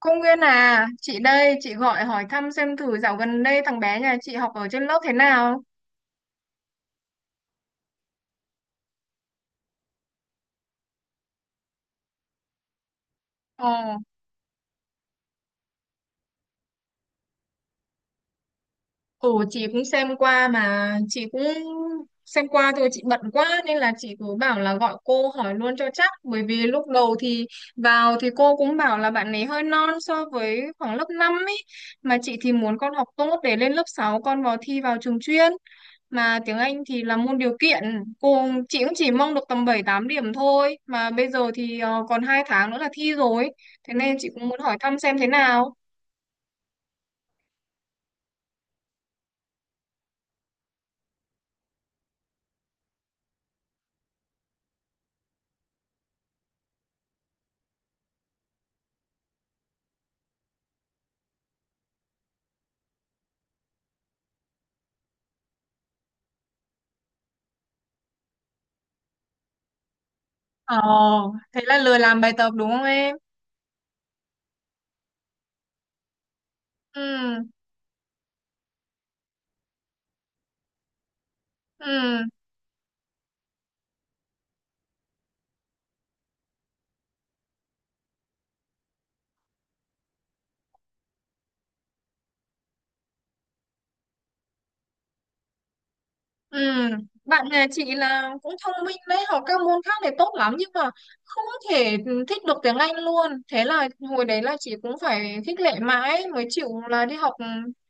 Cô Nguyên à, chị đây, chị gọi hỏi thăm xem thử dạo gần đây thằng bé nhà chị học ở trên lớp thế nào. Ồ, ồ. Chị cũng xem qua mà chị cũng xem qua thôi, chị bận quá nên là chị cứ bảo là gọi cô hỏi luôn cho chắc, bởi vì lúc đầu thì vào thì cô cũng bảo là bạn ấy hơi non so với khoảng lớp 5 ấy, mà chị thì muốn con học tốt để lên lớp 6 con vào thi vào trường chuyên. Mà tiếng Anh thì là môn điều kiện. cô chị cũng chỉ mong được tầm 7-8 điểm thôi, mà bây giờ thì còn 2 tháng nữa là thi rồi, thế nên chị cũng muốn hỏi thăm xem thế nào. Ồ, thế là lười làm bài tập đúng không em? Ừ. Ừ. Ừ, bạn nhà chị là cũng thông minh đấy, học các môn khác này tốt lắm, nhưng mà không thể thích được tiếng Anh luôn. Thế là hồi đấy là chị cũng phải khích lệ mãi mới chịu là đi học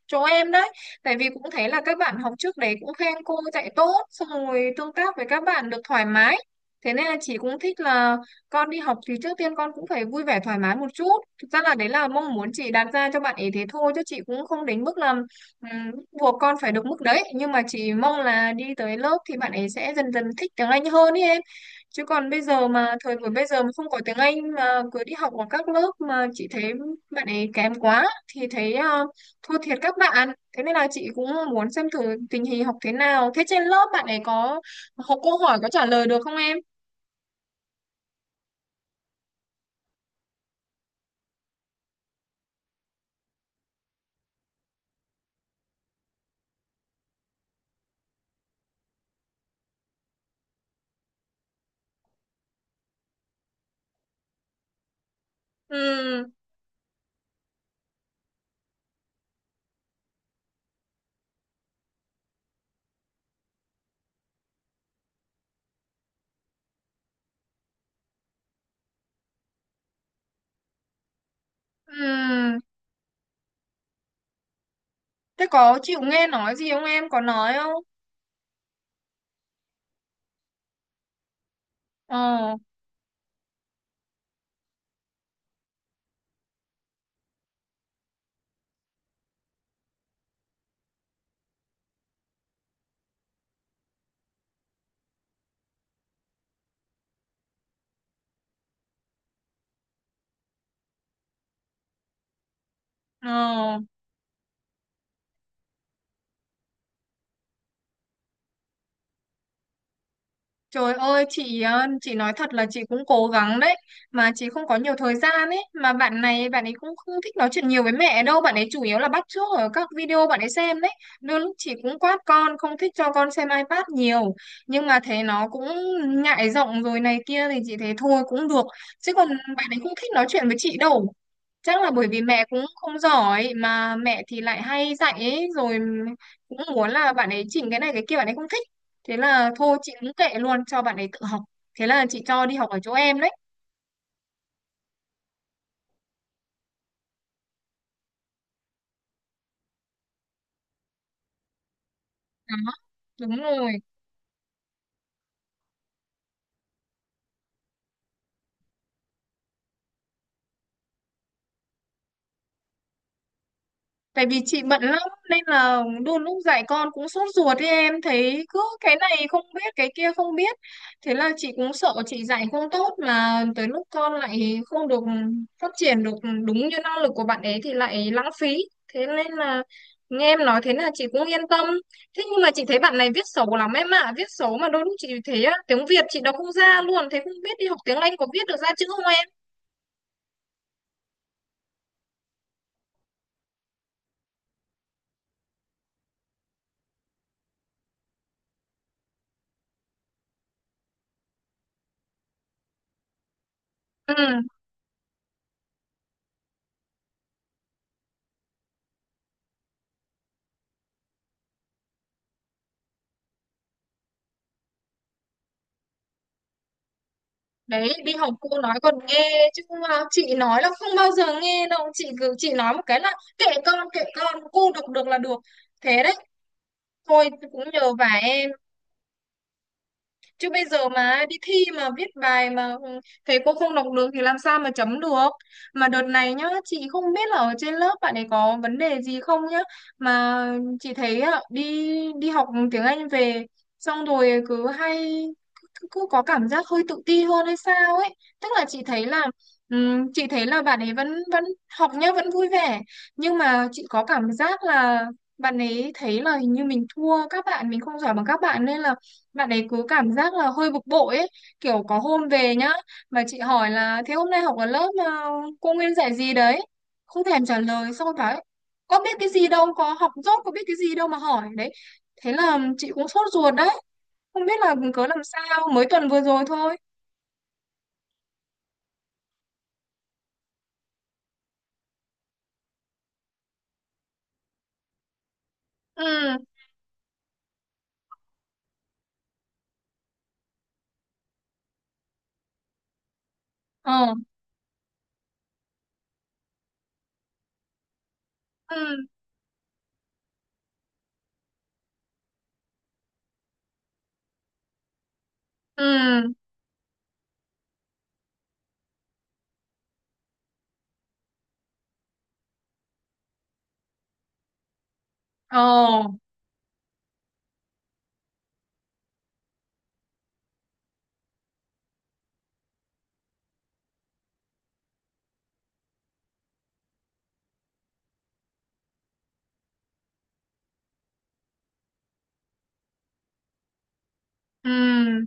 chỗ em đấy. Tại vì cũng thấy là các bạn học trước đấy cũng khen cô dạy tốt, xong rồi tương tác với các bạn được thoải mái. Thế nên là chị cũng thích là con đi học thì trước tiên con cũng phải vui vẻ thoải mái một chút. Thực ra là đấy là mong muốn chị đặt ra cho bạn ấy thế thôi, chứ chị cũng không đến mức là, ừ, buộc con phải được mức đấy, nhưng mà chỉ mong là đi tới lớp thì bạn ấy sẽ dần dần thích tiếng Anh hơn ý em. Chứ còn bây giờ mà, thời buổi bây giờ mà không có tiếng Anh mà cứ đi học ở các lớp mà chị thấy bạn ấy kém quá thì thấy thua thiệt các bạn. Thế nên là chị cũng muốn xem thử tình hình học thế nào, thế trên lớp bạn ấy có học, câu hỏi có trả lời được không em? Ừ. Ừ. Thế có chịu nghe nói gì không em, có nói không? Ờ. Ờ. Trời ơi chị, chị nói thật là chị cũng cố gắng đấy, mà chị không có nhiều thời gian ấy. Mà bạn này bạn ấy cũng không thích nói chuyện nhiều với mẹ đâu, bạn ấy chủ yếu là bắt chước ở các video bạn ấy xem đấy. Đôi lúc chị cũng quát con, không thích cho con xem iPad nhiều, nhưng mà thấy nó cũng ngại giọng rồi này kia thì chị thấy thôi cũng được. Chứ còn bạn ấy không thích nói chuyện với chị đâu, chắc là bởi vì mẹ cũng không giỏi mà mẹ thì lại hay dạy ấy rồi, cũng muốn là bạn ấy chỉnh cái này cái kia, bạn ấy không thích. Thế là thôi chị cũng kệ luôn cho bạn ấy tự học, thế là chị cho đi học ở chỗ em đấy. Đó. Đúng rồi. Tại vì chị bận lắm nên là đôi lúc dạy con cũng sốt ruột ấy em, thấy cứ cái này không biết cái kia không biết. Thế là chị cũng sợ chị dạy không tốt mà tới lúc con lại không được phát triển được đúng như năng lực của bạn ấy thì lại lãng phí. Thế nên là nghe em nói thế là chị cũng yên tâm. Thế nhưng mà chị thấy bạn này viết xấu lắm em ạ. Viết xấu mà đôi lúc chị thấy á, tiếng Việt chị đọc không ra luôn, thế không biết đi học tiếng Anh có viết được ra chữ không em? Ừ. Đấy, đi học cô nói còn nghe, chứ không mà chị nói là không bao giờ nghe đâu. Chị cứ, chị nói một cái là kệ con kệ con, cô, được được là được. Thế đấy. Thôi cũng nhờ vả em, chứ bây giờ mà đi thi mà viết bài mà thầy cô không đọc được thì làm sao mà chấm được. Mà đợt này nhá, chị không biết là ở trên lớp bạn ấy có vấn đề gì không nhá, mà chị thấy ạ, đi đi học tiếng Anh về xong rồi cứ hay, cứ có cảm giác hơi tự ti hơn hay sao ấy. Tức là chị thấy là, chị thấy là bạn ấy vẫn vẫn học nhá, vẫn vui vẻ, nhưng mà chị có cảm giác là bạn ấy thấy là hình như mình thua các bạn, mình không giỏi bằng các bạn nên là bạn ấy cứ cảm giác là hơi bực bội ấy. Kiểu có hôm về nhá, mà chị hỏi là thế hôm nay học ở lớp mà cô Nguyên dạy gì đấy, không thèm trả lời, xong rồi bảo ấy, có biết cái gì đâu, có học dốt có biết cái gì đâu mà hỏi đấy. Thế là chị cũng sốt ruột đấy, không biết là cớ làm sao, mới tuần vừa rồi thôi. Ừ. Ờ. Ừ. Ừ. Ờ. Ừ.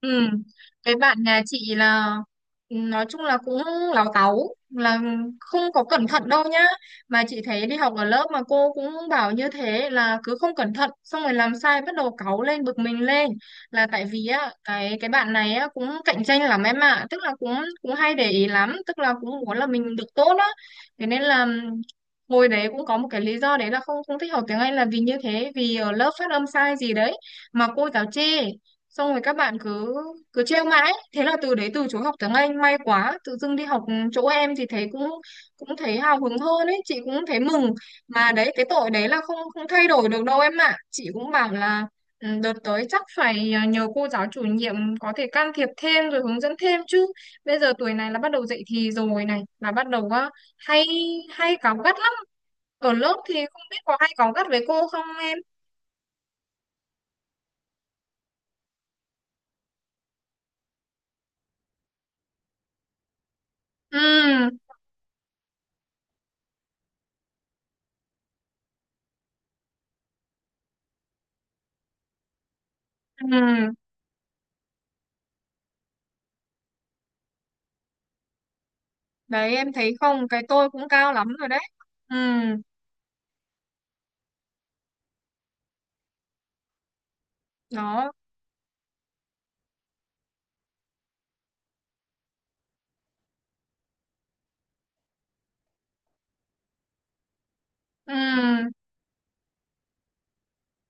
Ừ. Cái bạn nhà chị là, ừ, nói chung là cũng láu táu, là không có cẩn thận đâu nhá. Mà chị thấy đi học ở lớp mà cô cũng bảo như thế, là cứ không cẩn thận xong rồi làm sai bắt đầu cáu lên bực mình lên. Là tại vì á, cái bạn này á cũng cạnh tranh lắm em ạ, tức là cũng cũng hay để ý lắm, tức là cũng muốn là mình được tốt á. Thế nên là, hồi đấy cũng có một cái lý do đấy là không không thích học tiếng Anh là vì như thế, vì ở lớp phát âm sai gì đấy mà cô giáo chê, xong rồi các bạn cứ cứ trêu mãi, thế là từ đấy từ chối học tiếng Anh. May quá tự dưng đi học chỗ em thì thấy cũng cũng thấy hào hứng hơn ấy, chị cũng thấy mừng. Mà đấy, cái tội đấy là không không thay đổi được đâu em ạ. Chị cũng bảo là: "Ừ, đợt tới chắc phải, nhờ cô giáo chủ nhiệm có thể can thiệp thêm rồi hướng dẫn thêm". Chứ bây giờ tuổi này là bắt đầu dậy thì rồi này, là bắt đầu á, hay hay cáu gắt lắm. Ở lớp thì không biết có hay cáu gắt với cô không em? Ừ. Ừ. Đấy em thấy không, cái tôi cũng cao lắm rồi đấy. Ừ. Nó, ừ,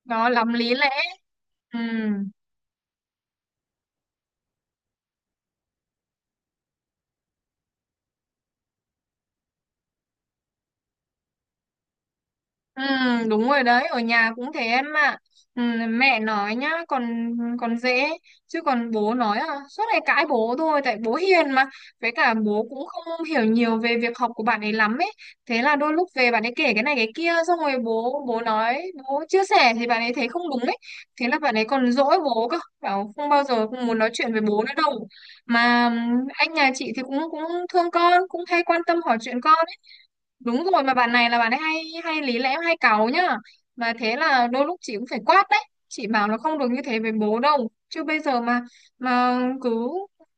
nó lắm lý lẽ. Ừ. Ừ, đúng rồi, đấy ở nhà cũng thế em ạ. Ừ, mẹ nói nhá còn, dễ, chứ còn bố nói à, suốt ngày cãi bố thôi, tại bố hiền mà, với cả bố cũng không hiểu nhiều về việc học của bạn ấy lắm ấy. Thế là đôi lúc về bạn ấy kể cái này cái kia, xong rồi bố bố nói, bố chia sẻ thì bạn ấy thấy không đúng ấy. Thế là bạn ấy còn dỗi bố cơ, bảo không bao giờ cũng muốn nói chuyện với bố nữa đâu. Mà anh nhà chị thì cũng cũng thương con, cũng hay quan tâm hỏi chuyện con. Đúng rồi, mà bạn này là bạn ấy hay, lý lẽ hay cáu nhá. Mà thế là đôi lúc chị cũng phải quát đấy. Chị bảo là không được như thế với bố đâu. Chứ bây giờ mà, cứ,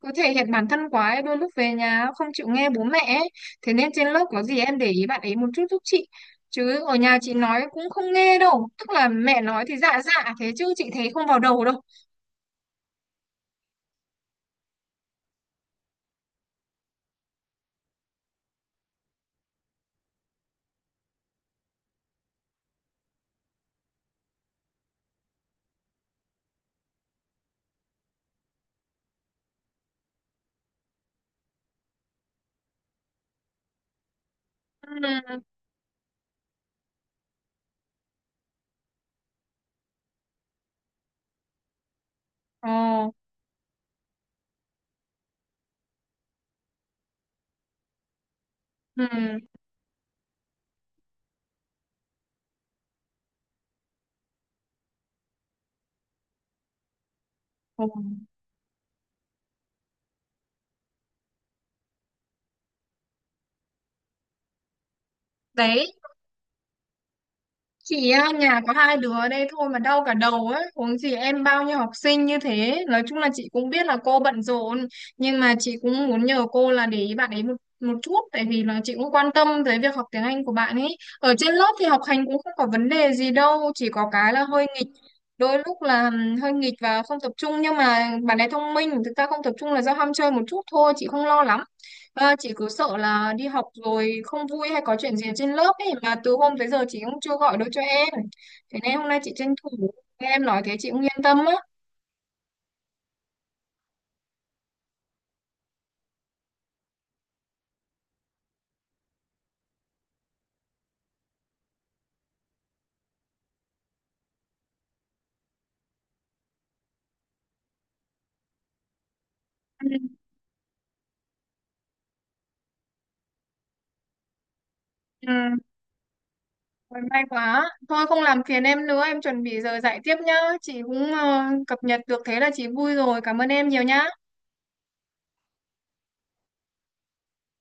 thể hiện bản thân quá ấy, đôi lúc về nhà không chịu nghe bố mẹ ấy. Thế nên trên lớp có gì em để ý bạn ấy một chút giúp chị. Chứ ở nhà chị nói cũng không nghe đâu. Tức là mẹ nói thì dạ dạ thế, chứ chị thấy không vào đầu đâu. Ừ. Ồ. Ừ. Ồ. Đấy. Chị á, nhà có hai đứa ở đây thôi mà đau cả đầu ấy, huống gì em bao nhiêu học sinh như thế. Nói chung là chị cũng biết là cô bận rộn, nhưng mà chị cũng muốn nhờ cô là để ý bạn ấy một một chút, tại vì là chị cũng quan tâm tới việc học tiếng Anh của bạn ấy. Ở trên lớp thì học hành cũng không có vấn đề gì đâu, chỉ có cái là hơi nghịch. Đôi lúc là hơi nghịch và không tập trung, nhưng mà bạn ấy thông minh, thực ra không tập trung là do ham chơi một chút thôi, chị không lo lắm. À, chị cứ sợ là đi học rồi không vui hay có chuyện gì trên lớp ấy, mà từ hôm tới giờ chị cũng chưa gọi được cho em. Thế nên hôm nay chị tranh thủ nghe em nói thế chị cũng yên tâm á. Ừ, ừ, rồi may quá. Thôi không làm phiền em nữa, em chuẩn bị giờ dạy tiếp nhá. Chị cũng cập nhật được thế là chị vui rồi. Cảm ơn em nhiều nhá.